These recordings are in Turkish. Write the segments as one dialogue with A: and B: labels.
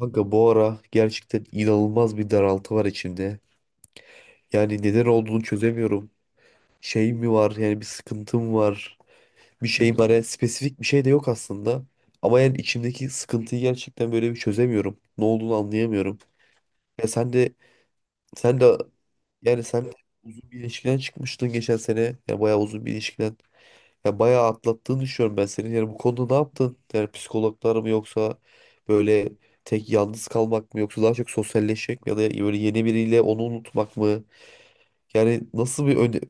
A: Kanka bu ara gerçekten inanılmaz bir daraltı var içimde. Yani neden olduğunu çözemiyorum. Şey mi var yani bir sıkıntım var. Bir şey var yani spesifik bir şey de yok aslında. Ama yani içimdeki sıkıntıyı gerçekten böyle bir çözemiyorum. Ne olduğunu anlayamıyorum. Ya sen de sen de uzun bir ilişkiden çıkmıştın geçen sene. Ya bayağı uzun bir ilişkiden. Ya bayağı atlattığını düşünüyorum ben senin. Yani bu konuda ne yaptın? Yani psikologlar mı yoksa böyle tek yalnız kalmak mı yoksa daha çok sosyalleşmek mi ya da böyle yeni biriyle onu unutmak mı? Yani nasıl bir öne...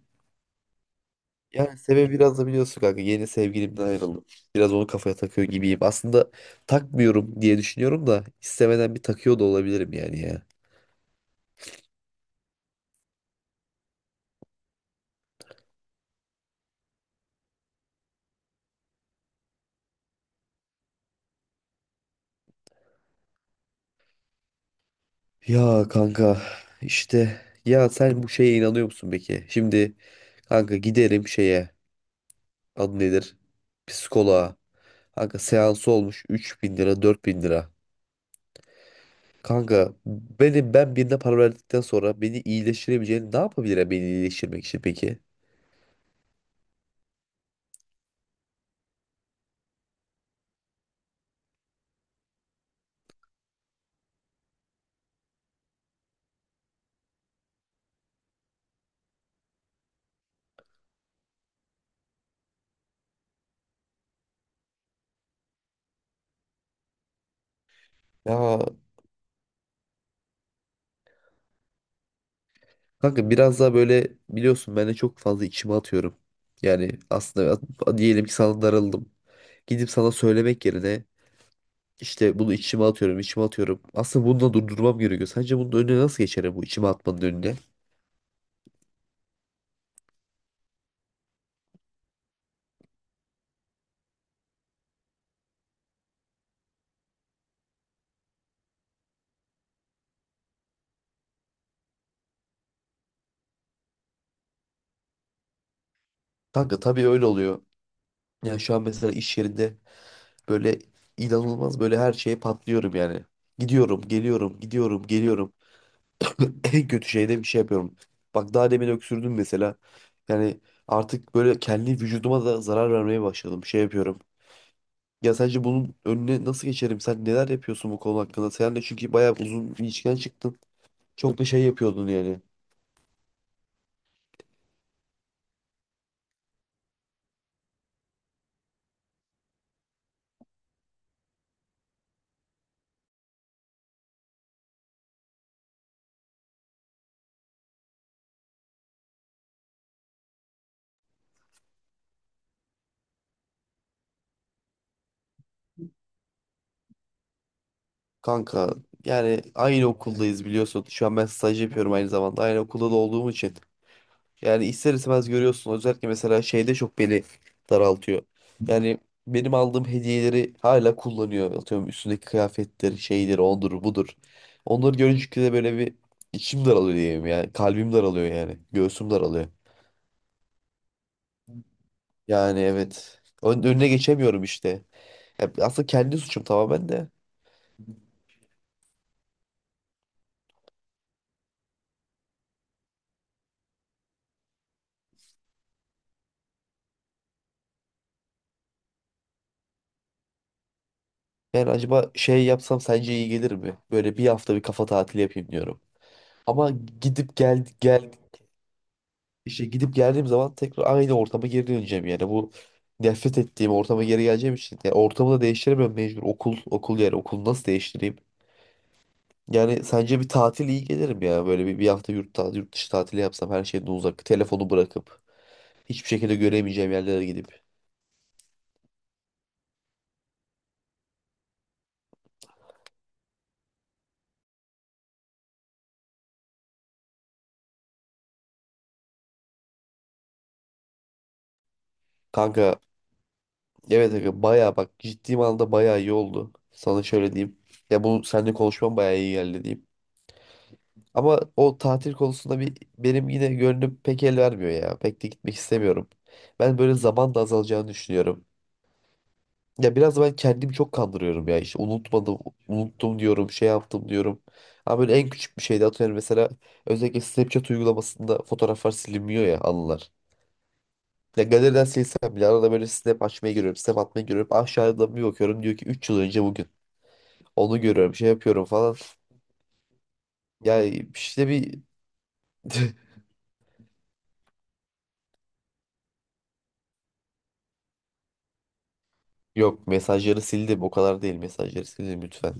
A: Yani sebebi biraz da biliyorsun kanka yeni sevgilimden ayrıldım. Biraz onu kafaya takıyor gibiyim. Aslında takmıyorum diye düşünüyorum da istemeden bir takıyor da olabilirim yani ya. Ya kanka işte ya sen bu şeye inanıyor musun peki? Şimdi kanka giderim şeye adı nedir? Psikoloğa. Kanka seansı olmuş 3.000 lira 4.000 lira. Kanka ben birine para verdikten sonra beni iyileştirebileceğini ne yapabilir beni iyileştirmek için peki? Ya kanka biraz daha böyle biliyorsun ben de çok fazla içime atıyorum. Yani aslında diyelim ki sana darıldım. Gidip sana söylemek yerine işte bunu içime atıyorum. Aslında bunu da durdurmam gerekiyor. Sence bunun önüne nasıl geçerim bu içime atmanın önüne? Kanka tabii öyle oluyor. Yani şu an mesela iş yerinde böyle inanılmaz böyle her şeye patlıyorum yani. Gidiyorum, geliyorum, gidiyorum, geliyorum. En kötü şeyde bir şey yapıyorum. Bak daha demin öksürdüm mesela. Yani artık böyle kendi vücuduma da zarar vermeye başladım. Şey yapıyorum. Ya sence bunun önüne nasıl geçerim? Sen neler yapıyorsun bu konu hakkında? Sen de çünkü bayağı uzun bir ilişkiden çıktın. Çok da şey yapıyordun yani. Kanka yani aynı okuldayız biliyorsun. Şu an ben staj yapıyorum aynı zamanda. Aynı okulda da olduğum için. Yani ister istemez görüyorsun. Özellikle mesela şeyde çok beni daraltıyor. Yani benim aldığım hediyeleri hala kullanıyor. Atıyorum üstündeki kıyafetleri, şeyleri, ondur budur. Onları görünce de böyle bir içim daralıyor diyeyim yani. Kalbim daralıyor yani. Göğsüm daralıyor. Yani evet. Önüne geçemiyorum işte. Ya aslında kendi suçum tamamen de. Yani acaba şey yapsam sence iyi gelir mi? Böyle bir hafta bir kafa tatili yapayım diyorum. Ama gidip gel gel İşte gidip geldiğim zaman tekrar aynı ortama geri döneceğim yani bu nefret ettiğim ortama geri geleceğim için yani ortamı da değiştiremiyorum mecbur okul yani okulu nasıl değiştireyim? Yani sence bir tatil iyi gelir mi ya böyle bir hafta yurt dışı tatili yapsam her şeyden uzak telefonu bırakıp hiçbir şekilde göremeyeceğim yerlere gidip. Kanka evet kanka baya bak ciddi anlamda baya iyi oldu sana şöyle diyeyim ya bu seninle konuşmam baya iyi geldi diyeyim. Ama o tatil konusunda bir benim yine gönlüm pek el vermiyor ya. Pek de gitmek istemiyorum. Ben böyle zaman da azalacağını düşünüyorum. Ya biraz da ben kendimi çok kandırıyorum ya. İşte unutmadım, unuttum diyorum, şey yaptım diyorum. Ama böyle en küçük bir şeyde atıyorum mesela özellikle Snapchat uygulamasında fotoğraflar silinmiyor ya anılar. Ya galeriden silsem bile arada böyle Snap açmaya giriyorum, Snap atmaya giriyorum. Aşağıda bir bakıyorum diyor ki 3 yıl önce bugün. Onu görüyorum, şey yapıyorum falan. Yani işte bir yok mesajları sildim. O kadar değil mesajları sildim lütfen.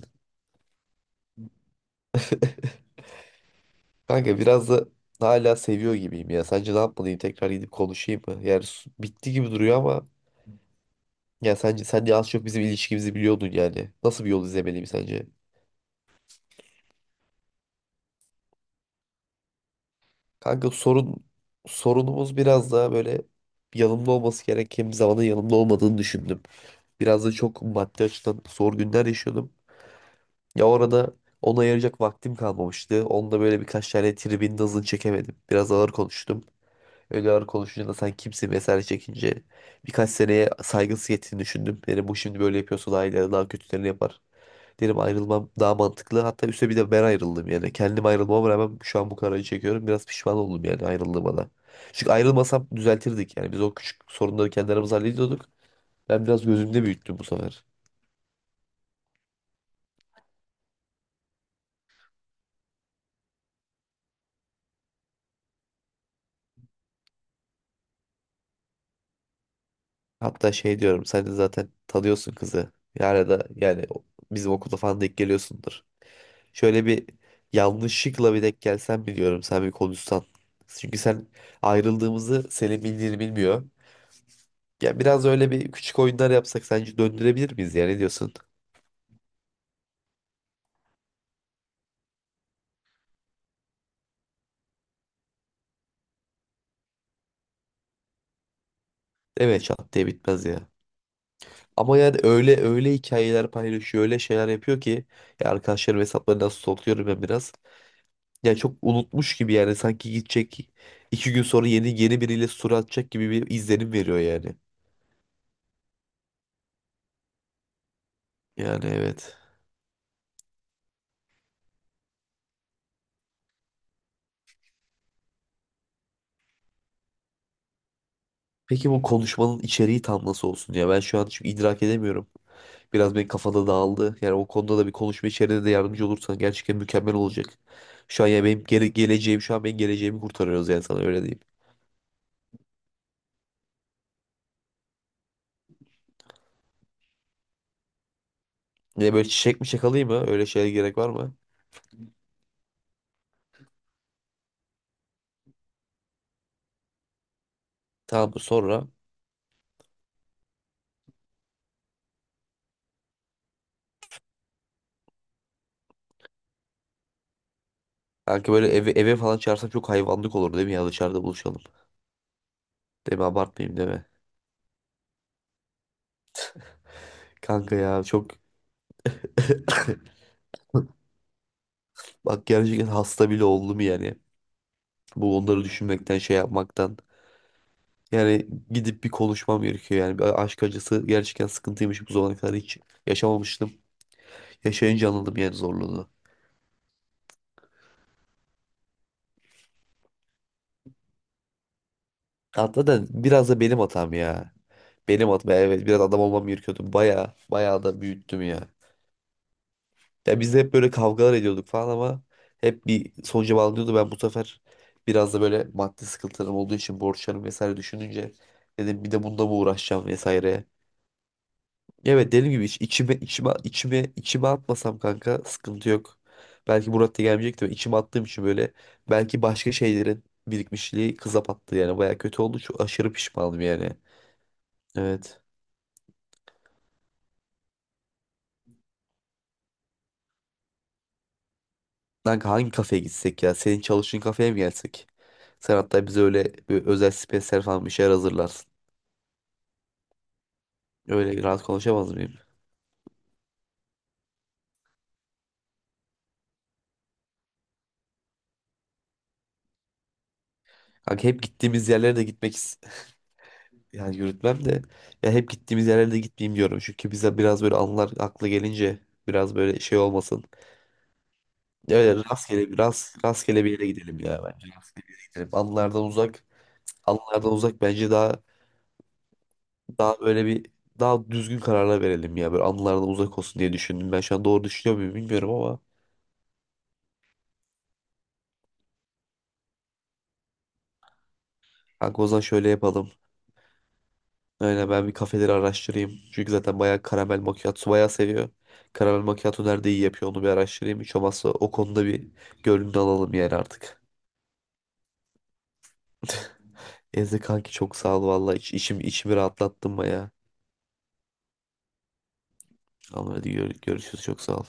A: Kanka biraz da hala seviyor gibiyim ya. Sence ne yapmalıyım? Tekrar gidip konuşayım mı? Yani bitti gibi duruyor ama ya sence sen de az çok bizim ilişkimizi biliyordun yani. Nasıl bir yol izlemeliyim sence? Kanka sorunumuz biraz daha böyle yanımda olması gereken bir zamanda yanımda olmadığını düşündüm. Biraz da çok maddi açıdan zor günler yaşıyordum. Ya orada ona ayıracak vaktim kalmamıştı. Onda böyle birkaç tane tribin hızını çekemedim. Biraz ağır konuştum. Öyle ağır konuşunca da sen kimsin vesaire çekince birkaç seneye saygısı yettiğini düşündüm. Dedim bu şimdi böyle yapıyorsa daha ileride daha kötülerini yapar. Dedim ayrılmam daha mantıklı. Hatta üstüne bir de ben ayrıldım yani. Kendim ayrılmama rağmen şu an bu kararı çekiyorum. Biraz pişman oldum yani ayrıldığıma da. Çünkü ayrılmasam düzeltirdik yani. Biz o küçük sorunları kendi aramızda hallediyorduk. Ben biraz gözümde büyüttüm bu sefer. Hatta şey diyorum sen de zaten tanıyorsun kızı. Yani da yani bizim okulda falan denk geliyorsundur. Şöyle bir yanlışlıkla bir denk gelsen biliyorum sen bir konuşsan. Çünkü sen ayrıldığımızı Selim bildiğini bilmiyor. Ya biraz öyle bir küçük oyunlar yapsak sence döndürebilir miyiz ya ne diyorsun? Evet çat diye bitmez ya. Ama yani öyle öyle hikayeler paylaşıyor öyle şeyler yapıyor ki ya arkadaşlarım hesaplarını nasıl stalkluyorum ben biraz. Ya çok unutmuş gibi yani sanki gidecek 2 gün sonra yeni biriyle story atacak gibi bir izlenim veriyor yani. Yani evet. Peki bu konuşmanın içeriği tam nasıl olsun ya? Ben şu an çünkü idrak edemiyorum. Biraz benim kafada dağıldı. Yani o konuda da bir konuşma içeriğinde de yardımcı olursan gerçekten mükemmel olacak. Şu an ya benim geleceğim şu an benim geleceğimi kurtarıyoruz yani sana öyle diyeyim. Ne böyle çiçek mi çakalayım mı? Öyle şeye gerek var mı? Tamam sonra kanka böyle eve falan çağırsam çok hayvanlık olur değil mi ya dışarıda buluşalım. Değil mi abartmayayım değil mi? Kanka ya çok bak gerçekten hasta bile oldum yani. Bu onları düşünmekten şey yapmaktan. Yani gidip bir konuşmam gerekiyor yani. Bir aşk acısı gerçekten sıkıntıymış bu zamana kadar hiç yaşamamıştım. Yaşayınca anladım yani zorluğunu. Hatta da biraz da benim hatam ya. Benim hatam evet biraz adam olmam gerekiyordu. Baya baya da büyüttüm ya. Ya biz de hep böyle kavgalar ediyorduk falan ama hep bir sonuca bağlanıyordu. Ben bu sefer biraz da böyle maddi sıkıntılarım olduğu için borçlarım vesaire düşününce dedim bir de bunda mı uğraşacağım vesaire. Evet dediğim gibi içime atmasam kanka sıkıntı yok. Belki Murat da gelmeyecekti. Ben içime attığım için böyle belki başka şeylerin birikmişliği kıza battı yani. Baya kötü oldu. Çok aşırı pişmanım yani. Evet. Kanka hangi kafeye gitsek ya? Senin çalıştığın kafeye mi gelsek? Sen hatta bize öyle bir özel spesyal falan bir şeyler hazırlarsın. Öyle rahat konuşamaz mıyım? Kanka hep gittiğimiz yerlere de gitmek istiyorum. Yani yürütmem de ya hep gittiğimiz yerlerde gitmeyeyim diyorum. Çünkü bize biraz böyle anılar aklı gelince biraz böyle şey olmasın. Öyle rastgele bir yere gidelim ya bence. Gidelim. Anılardan uzak bence daha daha böyle bir daha düzgün kararlar verelim ya. Böyle anılardan uzak olsun diye düşündüm. Ben şu an doğru düşünüyor muyum bilmiyorum ama kanka o zaman şöyle yapalım. Aynen ben bir kafeleri araştırayım. Çünkü zaten bayağı karamel macchiato bayağı seviyor. Karamel macchiato nerede iyi yapıyor onu bir araştırayım. Hiç olmazsa o konuda bir gönlünü alalım yani artık. Ezdi kanki çok sağ ol valla. İçimi rahatlattın baya. Tamam hadi görüşürüz çok sağ ol.